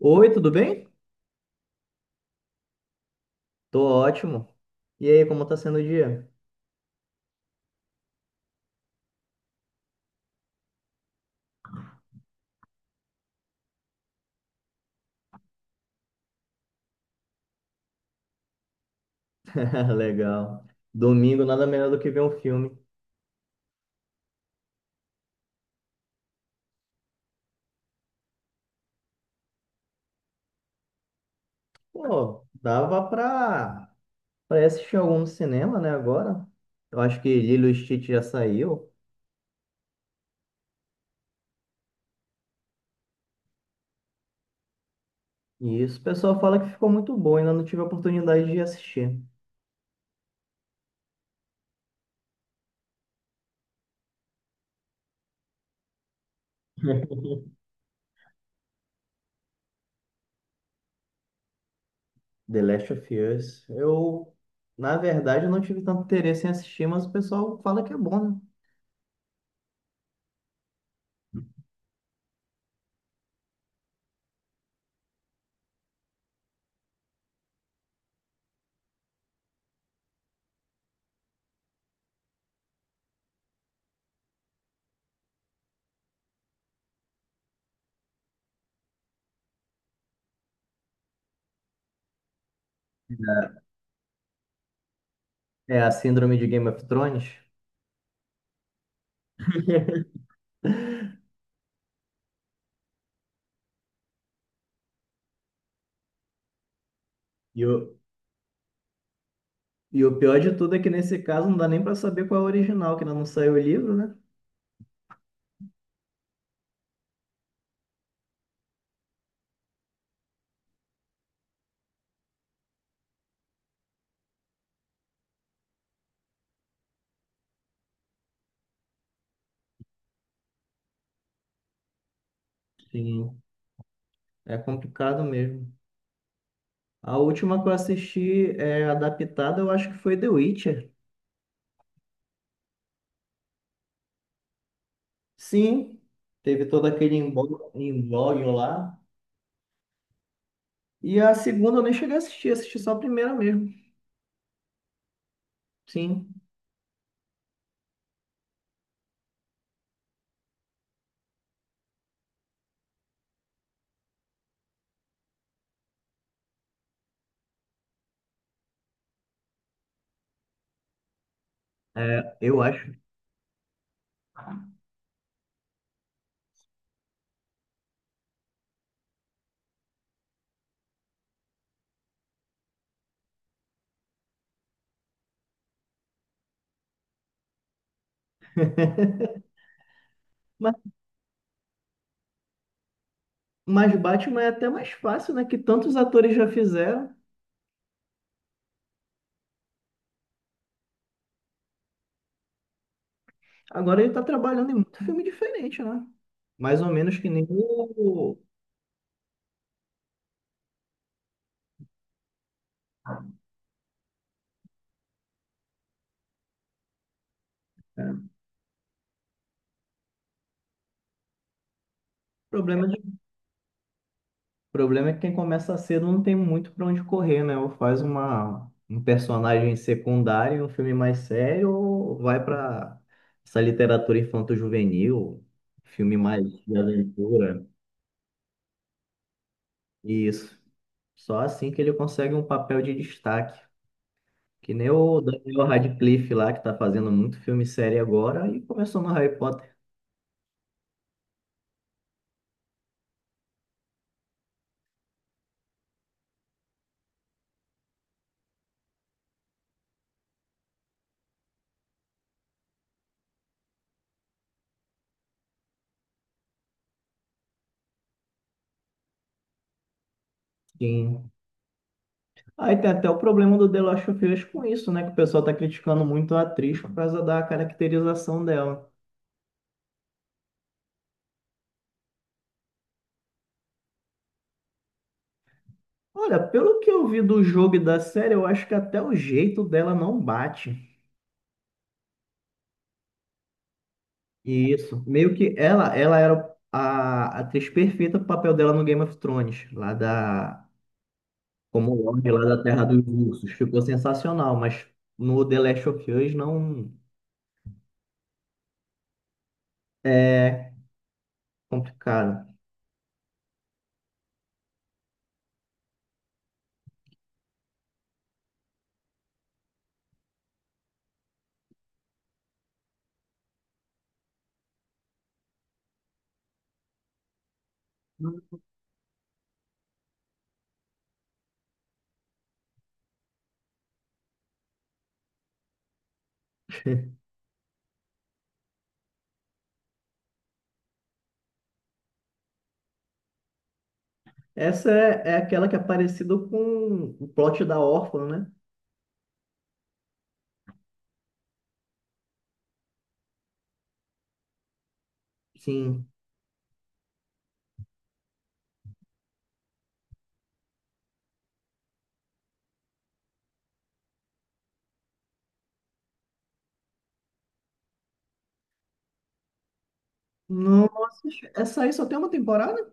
Oi, tudo bem? Tô ótimo. E aí, como tá sendo o dia? Legal. Domingo, nada melhor do que ver um filme. Pô, dava pra, pra assistir algum no cinema, né, agora? Eu acho que Lilo e Stitch já saiu. E isso, o pessoal fala que ficou muito bom, ainda não tive a oportunidade de assistir. The Last of Us. Na verdade, eu não tive tanto interesse em assistir, mas o pessoal fala que é bom, né? É a síndrome de Game of Thrones. E o, E o pior de tudo é que nesse caso não dá nem para saber qual é o original, que ainda não saiu o livro, né? Sim. É complicado mesmo. A última que eu assisti é adaptada, eu acho que foi The Witcher. Sim, teve todo aquele embrólio lá. E a segunda eu nem cheguei a assistir, assisti só a primeira mesmo. Sim, é, eu acho. Mas, mas Batman é até mais fácil, né? Que tantos atores já fizeram. Agora ele tá trabalhando em muito filme diferente, né? Mais ou menos que nem o é, o problema é que quem começa cedo não tem muito para onde correr, né? Ou faz uma um personagem secundário, em um filme mais sério, ou vai para essa literatura infanto-juvenil, filme mais de aventura. Isso. Só assim que ele consegue um papel de destaque. Que nem o Daniel Radcliffe lá, que tá fazendo muito filme sério agora e começou no Harry Potter. Sim. Aí tem até o problema do The Last of Us com isso, né? Que o pessoal tá criticando muito a atriz por causa da caracterização dela. Olha, pelo que eu vi do jogo e da série, eu acho que até o jeito dela não bate. E isso, meio que ela era a atriz perfeita pro papel dela no Game of Thrones, como Lorde lá da Terra dos Ursos. Ficou sensacional, mas no The Last of Us não é complicado. Essa é, é aquela que é parecida com o plot da órfã, né? Sim. Nossa, essa aí só tem uma temporada?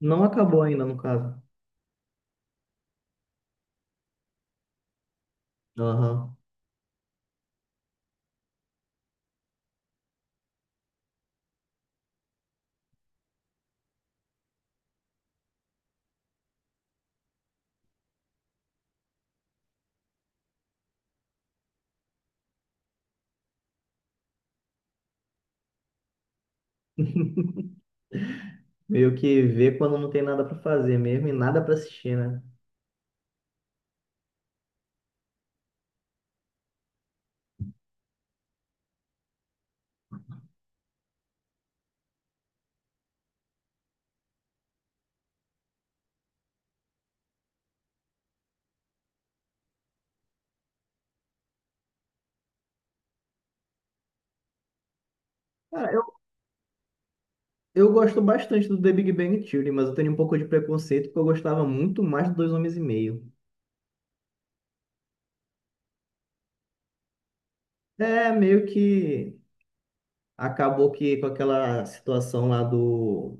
Não acabou ainda, no caso. Aham. Meio que vê quando não tem nada pra fazer mesmo e nada pra assistir, né? Cara, eu, eu gosto bastante do The Big Bang Theory, mas eu tenho um pouco de preconceito porque eu gostava muito mais do Dois Homens e Meio. É, meio que acabou que com aquela situação lá do...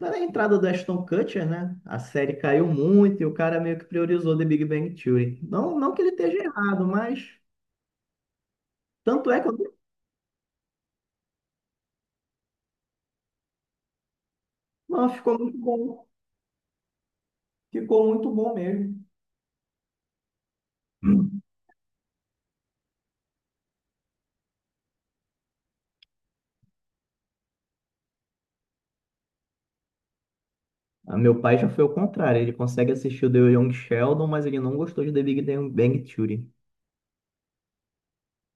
Da entrada do Ashton Kutcher, né? A série caiu muito e o cara meio que priorizou The Big Bang Theory. Não, não que ele esteja errado, mas... Tanto é que eu... Não, ficou muito bom. Ficou muito bom mesmo. Hum. Ah, meu pai já foi ao contrário. Ele consegue assistir o The Young Sheldon, mas ele não gostou de The Big Bang Theory.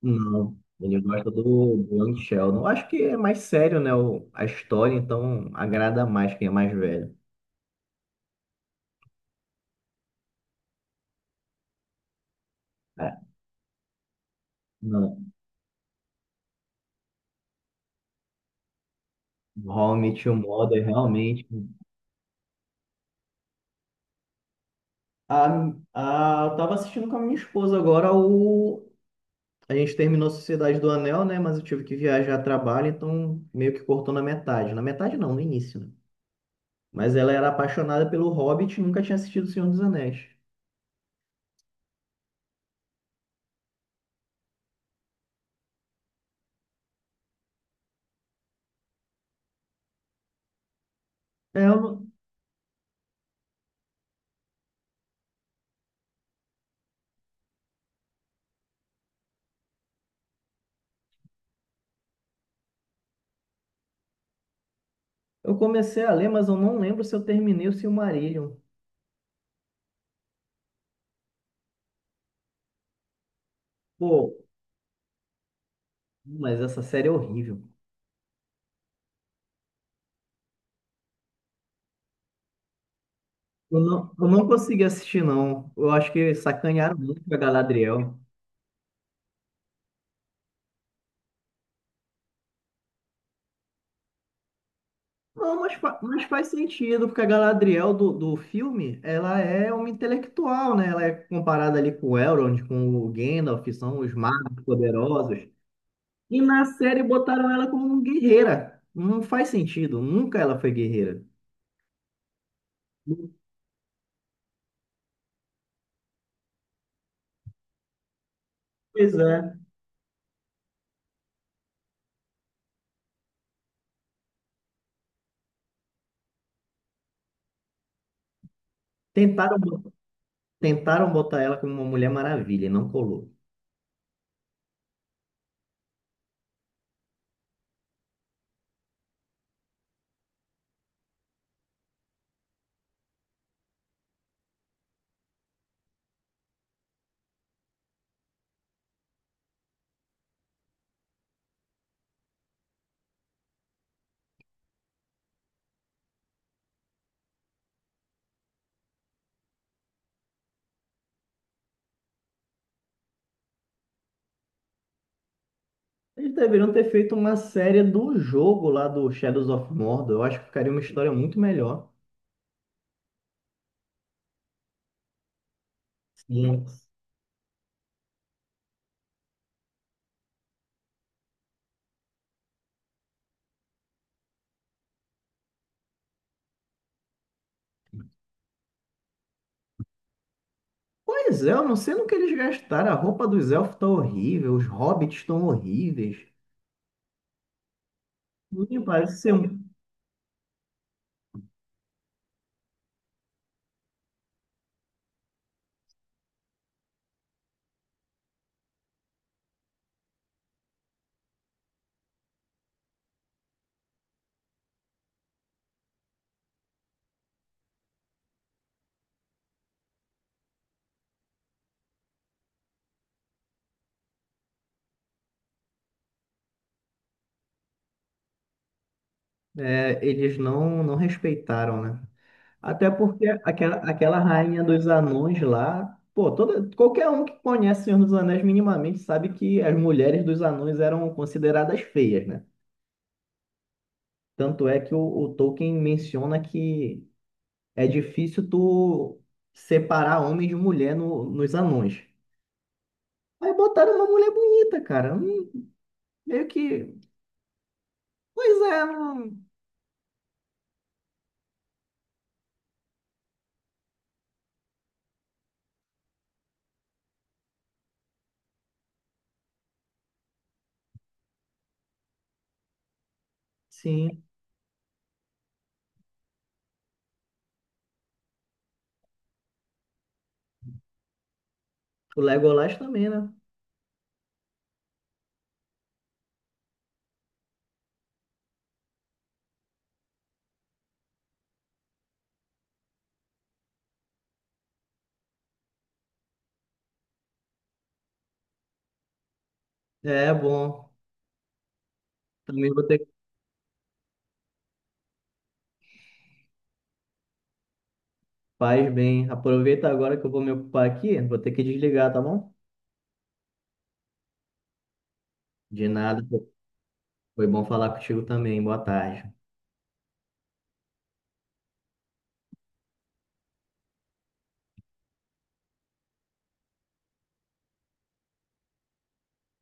Não, ele gosta do Young Sheldon. Eu acho que é mais sério, né? o- A história, então agrada mais quem é mais velho. É. Não. How I Met Your Mother, realmente. Ah, ah, eu tava assistindo com a minha esposa agora o. A gente terminou a Sociedade do Anel, né? Mas eu tive que viajar a trabalho, então meio que cortou na metade. Na metade não, no início, né? Mas ela era apaixonada pelo Hobbit e nunca tinha assistido O Senhor dos Anéis. É, eu, não- eu comecei a ler, mas eu não lembro se eu terminei o Silmarillion. Pô, mas essa série é horrível. Eu não consegui assistir, não. Eu acho que sacanearam muito com a Galadriel. Não, mas, fa- mas faz sentido, porque a Galadriel do filme, ela é uma intelectual, né? Ela é comparada ali com o Elrond, com o Gandalf, que são os magos poderosos. E na série botaram ela como guerreira. Não faz sentido. Nunca ela foi guerreira. Pois é. Tentaram, bo- tentaram botar ela como uma Mulher Maravilha, e não colou. Eles deveriam ter feito uma série do jogo lá do Shadows of Mordor. Eu acho que ficaria uma história muito melhor. Sim. Pois é, eu não sei no que eles gastaram. A roupa dos elfos tá horrível, os hobbits estão horríveis. Me parece ser um. É, eles não, não respeitaram, né? Até porque aquela rainha dos anões lá, pô, toda, qualquer um que conhece Senhor dos Anéis minimamente sabe que as mulheres dos anões eram consideradas feias, né? Tanto é que o Tolkien menciona que é difícil tu separar homem de mulher no- nos anões. Aí botaram uma mulher bonita, cara. Meio que. Pois é, não- sim. O Legolas também, né? É bom. Também vou ter que. Faz bem. Aproveita agora que eu vou me ocupar aqui. Vou ter que desligar, tá bom? De nada, pô. Foi bom falar contigo também. Boa tarde.